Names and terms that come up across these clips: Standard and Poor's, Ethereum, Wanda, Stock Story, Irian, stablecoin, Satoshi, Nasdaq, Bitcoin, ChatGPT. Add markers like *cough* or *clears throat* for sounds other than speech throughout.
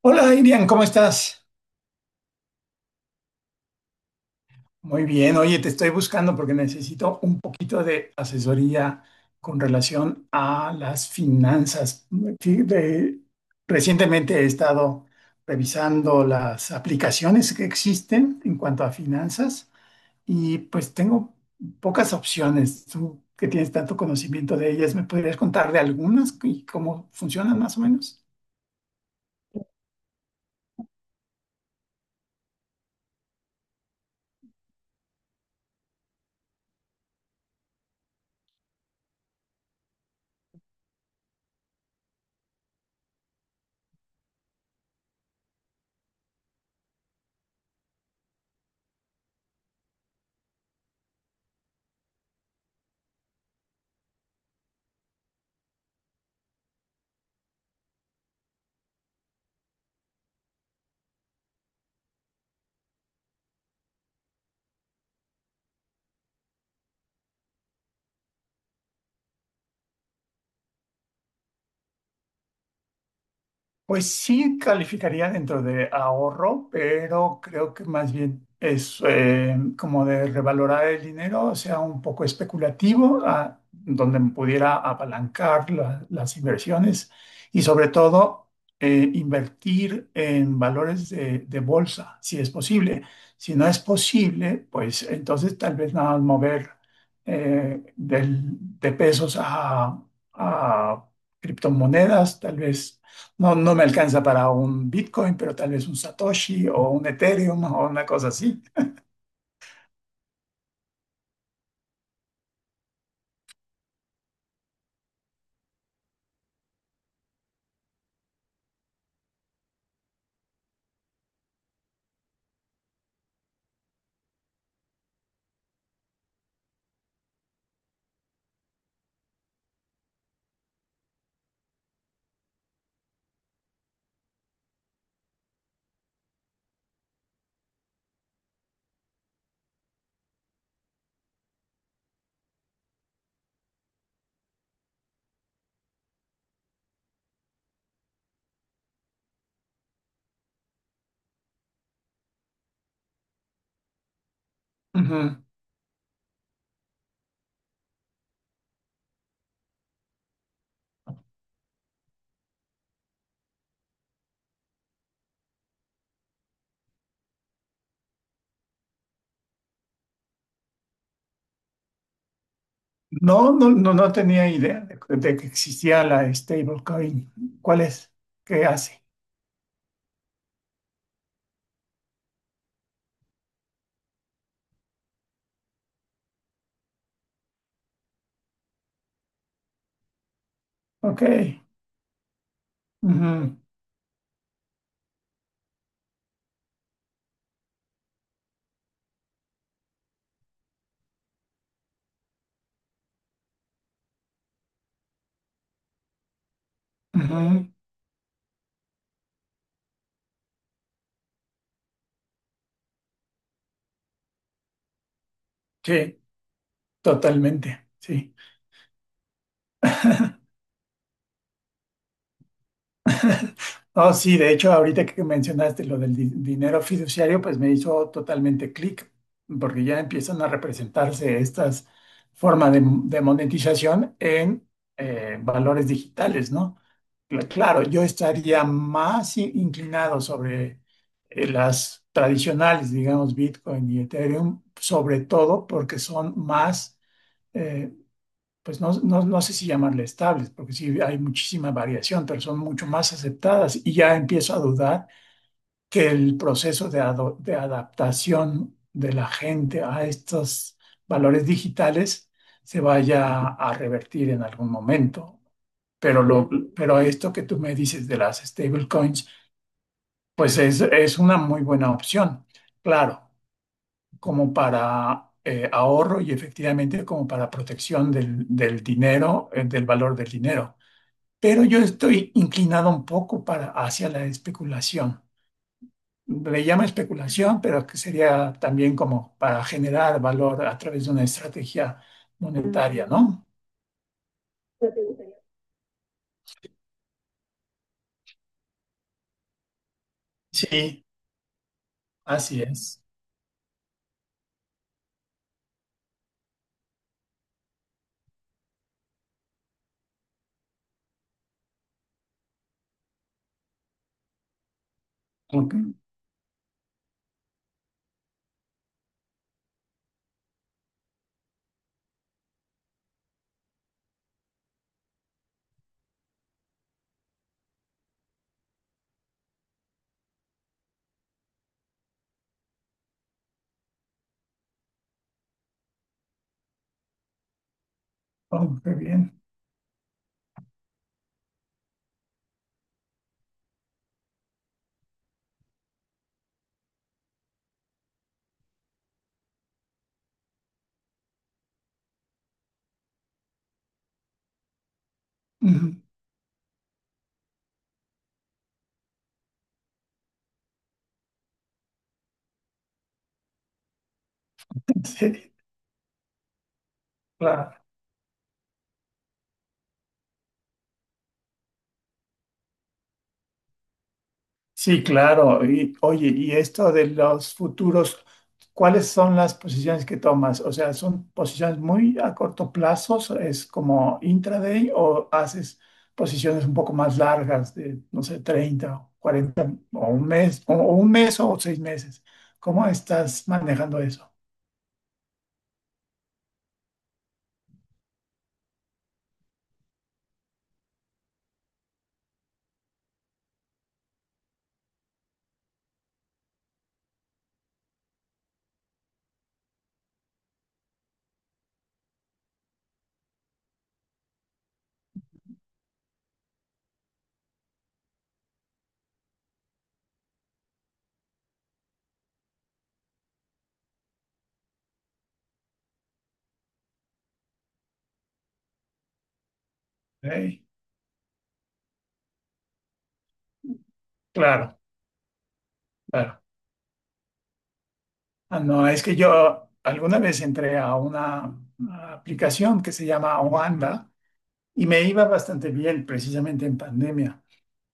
Hola, Irian, ¿cómo estás? Muy bien, oye, te estoy buscando porque necesito un poquito de asesoría con relación a las finanzas. Sí, recientemente he estado revisando las aplicaciones que existen en cuanto a finanzas y pues tengo pocas opciones. Tú que tienes tanto conocimiento de ellas, ¿me podrías contar de algunas y cómo funcionan más o menos? Pues sí calificaría dentro de ahorro, pero creo que más bien es como de revalorar el dinero, o sea, un poco especulativo, donde me pudiera apalancar las inversiones y sobre todo invertir en valores de bolsa, si es posible. Si no es posible, pues entonces tal vez nada más mover de pesos a criptomonedas, tal vez no, no me alcanza para un Bitcoin, pero tal vez un Satoshi o un Ethereum o una cosa así. Ujú. No, no, no, no tenía idea de que existía la stablecoin. ¿Cuál es? ¿Qué hace? Ok. Ujú, ujú. Sí, totalmente. Sí. No, sí, de hecho, ahorita que mencionaste lo del dinero fiduciario, pues me hizo totalmente clic, porque ya empiezan a representarse estas formas de monetización en valores digitales, ¿no? Claro, yo estaría más inclinado sobre las tradicionales, digamos, Bitcoin y Ethereum, sobre todo porque son más eh, pues no, no, no sé si llamarle estables, porque sí hay muchísima variación, pero son mucho más aceptadas y ya empiezo a dudar que el proceso de, de adaptación de la gente a estos valores digitales se vaya a revertir en algún momento. Pero, lo, pero esto que tú me dices de las stablecoins, pues es una muy buena opción, claro, como para ahorro y efectivamente como para protección del, del dinero, del valor del dinero, pero yo estoy inclinado un poco para, hacia la especulación. Le llama especulación, pero que sería también como para generar valor a través de una estrategia monetaria, ¿no? Sí, así es. Ok. Oh, qué bien. Ujú. *laughs* Sí, claro. Sí, claro. Y, oye, y esto de los futuros, ¿cuáles son las posiciones que tomas? O sea, ¿son posiciones muy a corto plazo? ¿Es como intraday o haces posiciones un poco más largas de, no sé, 30, o 40 o un mes o un mes o seis meses? ¿Cómo estás manejando eso? Ok. Claro, claro. Ah, no, es que yo alguna vez entré a una aplicación que se llama Wanda y me iba bastante bien precisamente en pandemia,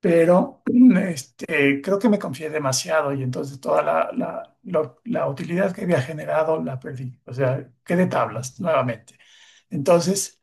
pero creo que me confié demasiado y entonces toda la utilidad que había generado la perdí, o sea, quedé tablas nuevamente. Entonces,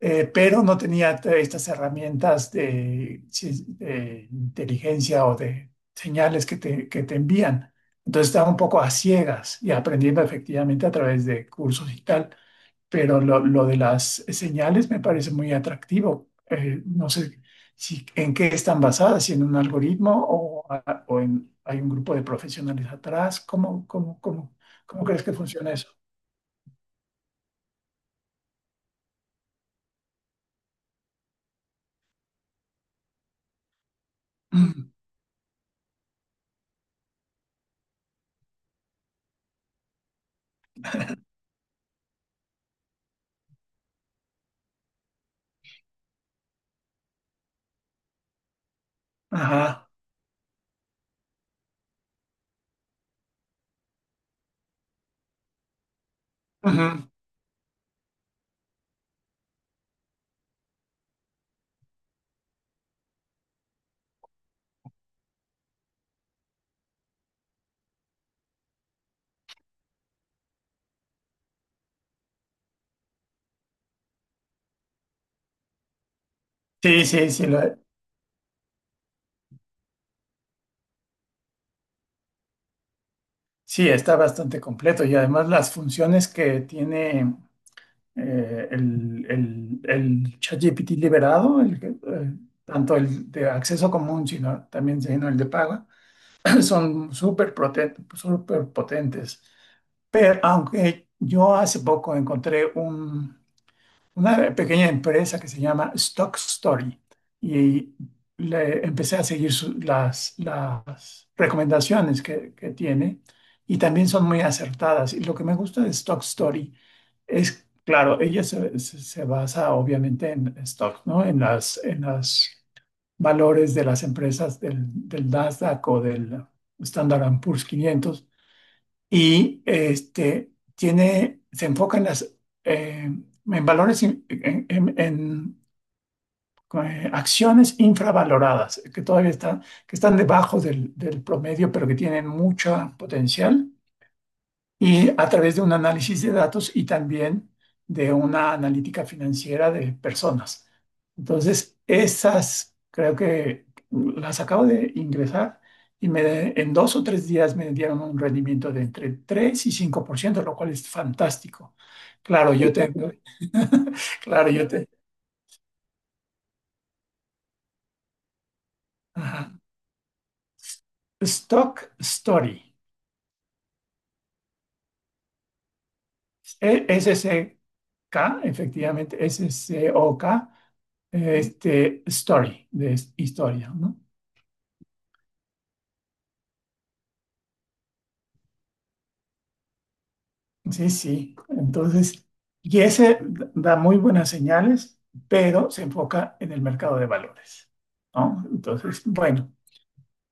pero no tenía estas herramientas de, de inteligencia o de señales que te envían. Entonces estaba un poco a ciegas y aprendiendo efectivamente a través de cursos y tal, pero lo de las señales me parece muy atractivo. No sé si, en qué están basadas, si en un algoritmo o, a- o en, hay un grupo de profesionales atrás. Cómo crees que funciona eso? *clears throat* Mm. Ajá. Ujú. Sí, sí, sí, lo- sí, está bastante completo y además las funciones que tiene el ChatGPT liberado, el que, tanto el de acceso común, sino también sino el de paga son súper potentes. Pero aunque yo hace poco encontré una pequeña empresa que se llama Stock Story y le empecé a seguir las recomendaciones que tiene y también son muy acertadas. Y lo que me gusta de Stock Story es, claro, ella se basa obviamente en stock, ¿no? En las valores de las empresas del, del Nasdaq o del Standard and Poor's 500 y este, tiene, se enfoca en, las, eh, en valores, en, en- en, acciones infravaloradas, que todavía están, que están debajo del, del promedio, pero que tienen mucho potencial y a través de un análisis de datos y también de una analítica financiera de personas. Entonces, esas creo que las acabo de ingresar y me, en 2 o 3 días me dieron un rendimiento de entre 3 y 5%, lo cual es fantástico. Claro, yo tengo, *laughs* claro, yo tengo. Stock Story, S S K efectivamente, S S O K, este, Story, de historia, ¿no? Sí, sí. Entonces, y ese da muy buenas señales, pero se enfoca en el mercado de valores, ¿no? Entonces, bueno,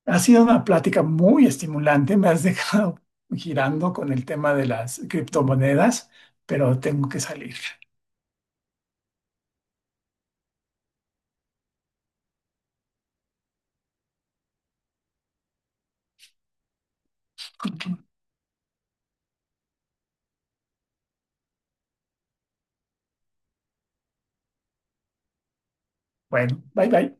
ha sido una plática muy estimulante. Me has *laughs* dejado girando con el tema de las criptomonedas, pero tengo que salir. *laughs* Bueno, bye bye.